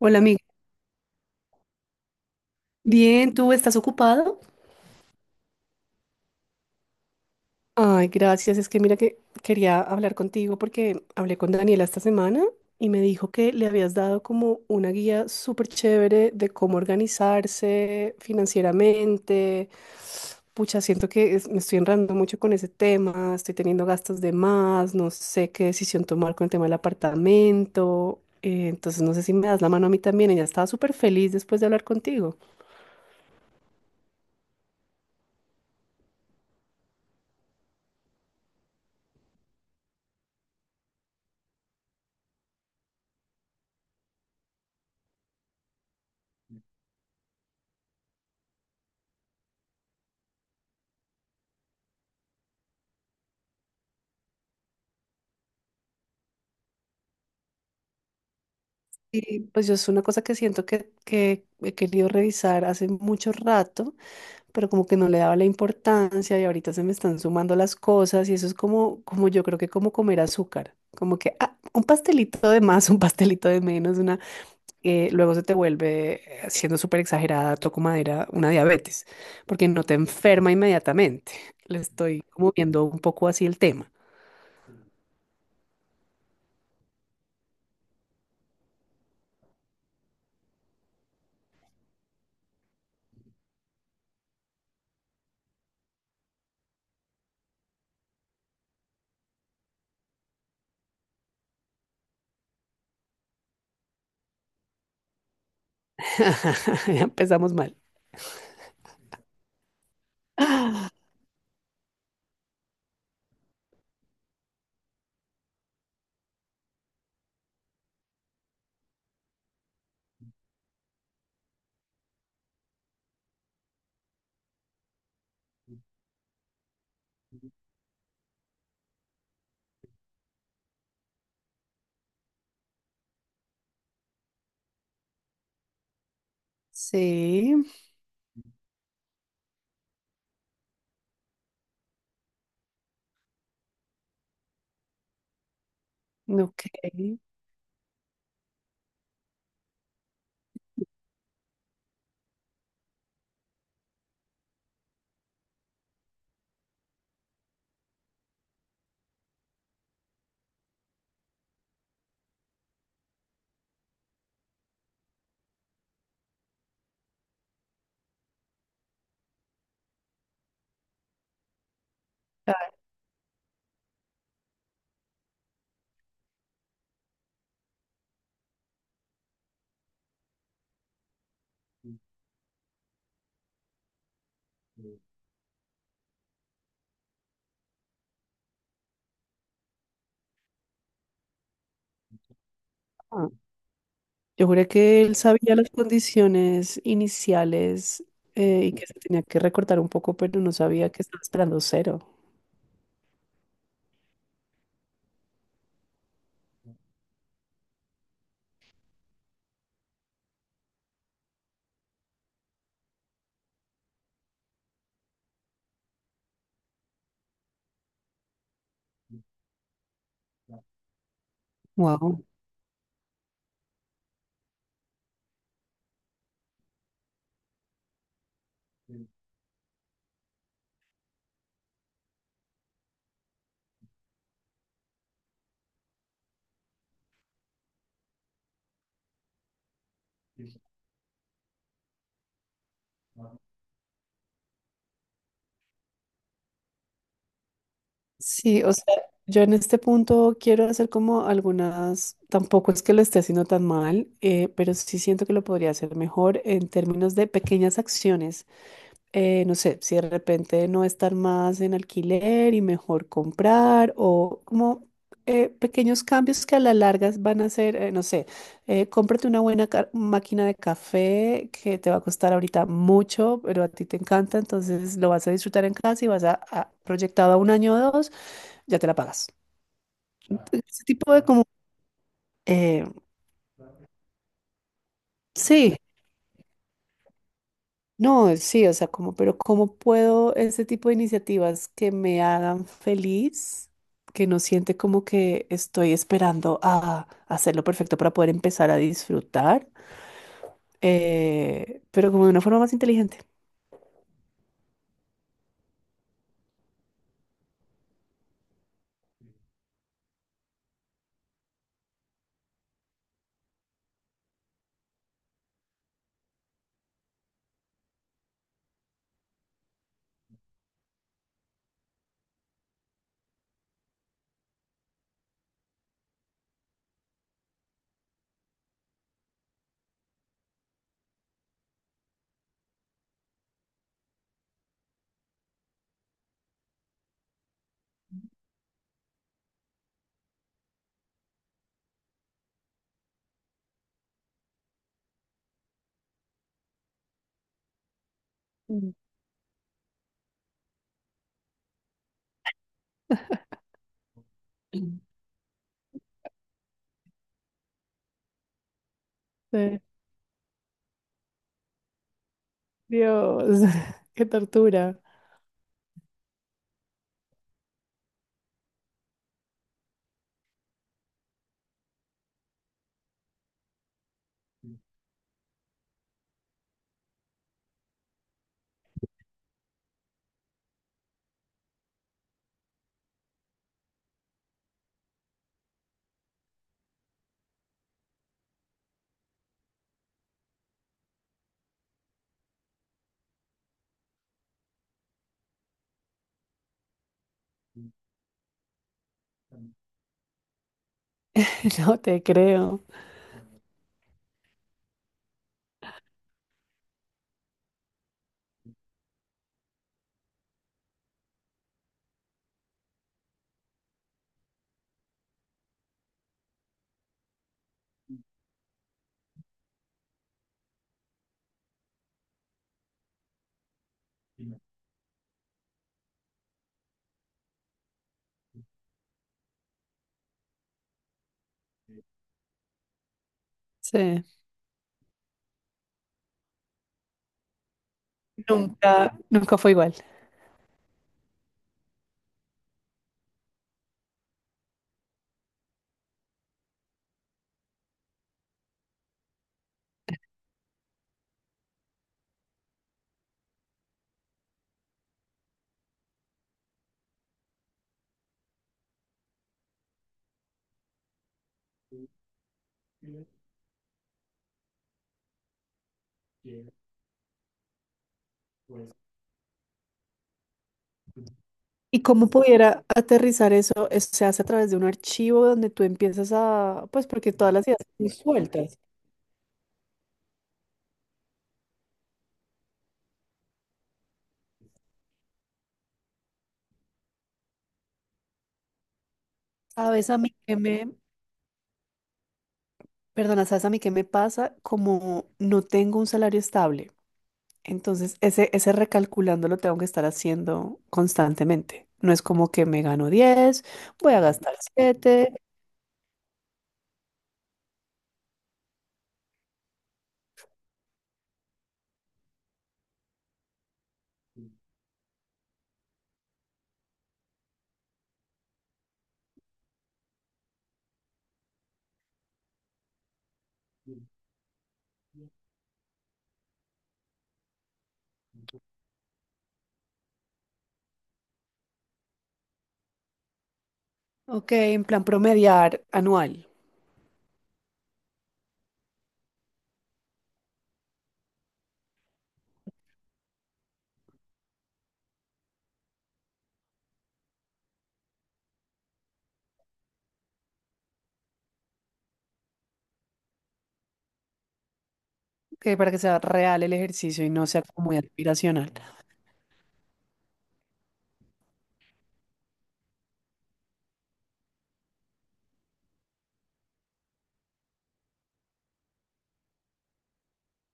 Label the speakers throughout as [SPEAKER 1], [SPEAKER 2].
[SPEAKER 1] Hola, amiga. Bien, ¿tú estás ocupado? Ay, gracias. Es que mira que quería hablar contigo porque hablé con Daniela esta semana y me dijo que le habías dado como una guía súper chévere de cómo organizarse financieramente. Pucha, siento que me estoy enredando mucho con ese tema, estoy teniendo gastos de más, no sé qué decisión tomar con el tema del apartamento. Entonces, no sé si me das la mano a mí también. Ella estaba súper feliz después de hablar contigo. Y pues yo es una cosa que siento que he querido revisar hace mucho rato, pero como que no le daba la importancia y ahorita se me están sumando las cosas y eso es como, como yo creo que como comer azúcar, como que ah, un pastelito de más, un pastelito de menos, luego se te vuelve, siendo súper exagerada, toco madera, una diabetes, porque no te enferma inmediatamente. Le estoy como viendo un poco así el tema. Ya empezamos mal. Sí, ok. Ah. Yo juré que él sabía las condiciones iniciales y que se tenía que recortar un poco, pero no sabía que estaba esperando cero. Wow. Sí, o sea, yo en este punto quiero hacer como algunas, tampoco es que lo esté haciendo tan mal, pero sí siento que lo podría hacer mejor en términos de pequeñas acciones. No sé, si de repente no estar más en alquiler y mejor comprar o como pequeños cambios que a la larga van a ser, no sé, cómprate una buena máquina de café que te va a costar ahorita mucho, pero a ti te encanta, entonces lo vas a disfrutar en casa y vas a, proyectado a un año o dos, ya te la pagas. Ese tipo de como, eh, sí. No, sí, o sea, como, pero ¿cómo puedo este tipo de iniciativas que me hagan feliz, que no siente como que estoy esperando a hacerlo perfecto para poder empezar a disfrutar, pero como de una forma más inteligente? Mm. Eh, Dios, qué tortura. No te creo. Sí. Nunca, nunca fue igual. ¿Y cómo pudiera aterrizar eso? Eso se hace a través de un archivo donde tú empiezas a, pues porque todas las ideas son sueltas. ¿Sabes a mí qué me, perdona, ¿sabes a mí qué me pasa? Como no tengo un salario estable, entonces ese recalculando lo tengo que estar haciendo constantemente. No es como que me gano 10, voy a gastar 7. Ok, en plan promediar anual. Que para que sea real el ejercicio y no sea como muy aspiracional.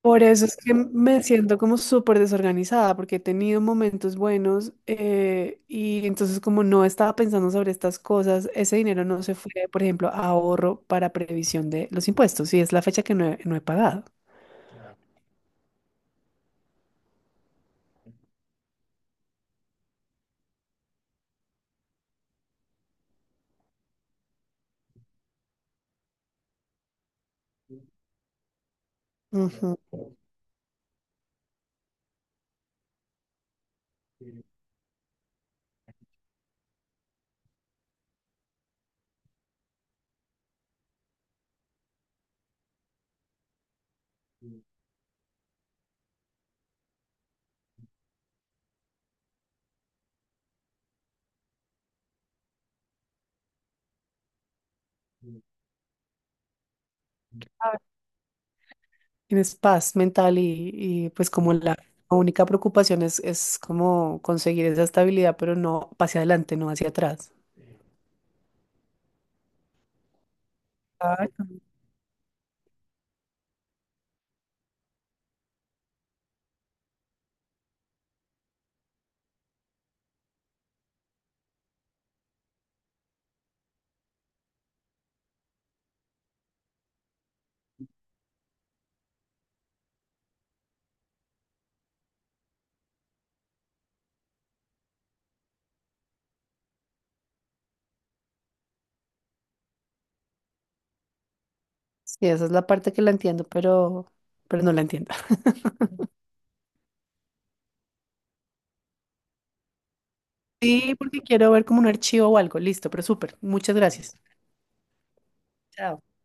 [SPEAKER 1] Por eso es que me siento como súper desorganizada, porque he tenido momentos buenos, y entonces como no estaba pensando sobre estas cosas, ese dinero no se fue, por ejemplo, a ahorro para previsión de los impuestos, y es la fecha que no he pagado. Ujú. Tienes paz mental y, pues como la única preocupación es como conseguir esa estabilidad, pero no hacia adelante, no hacia atrás. Sí, esa es la parte que la entiendo, pero no la entiendo. Sí, porque quiero ver como un archivo o algo. Listo, pero súper. Muchas gracias. Chao.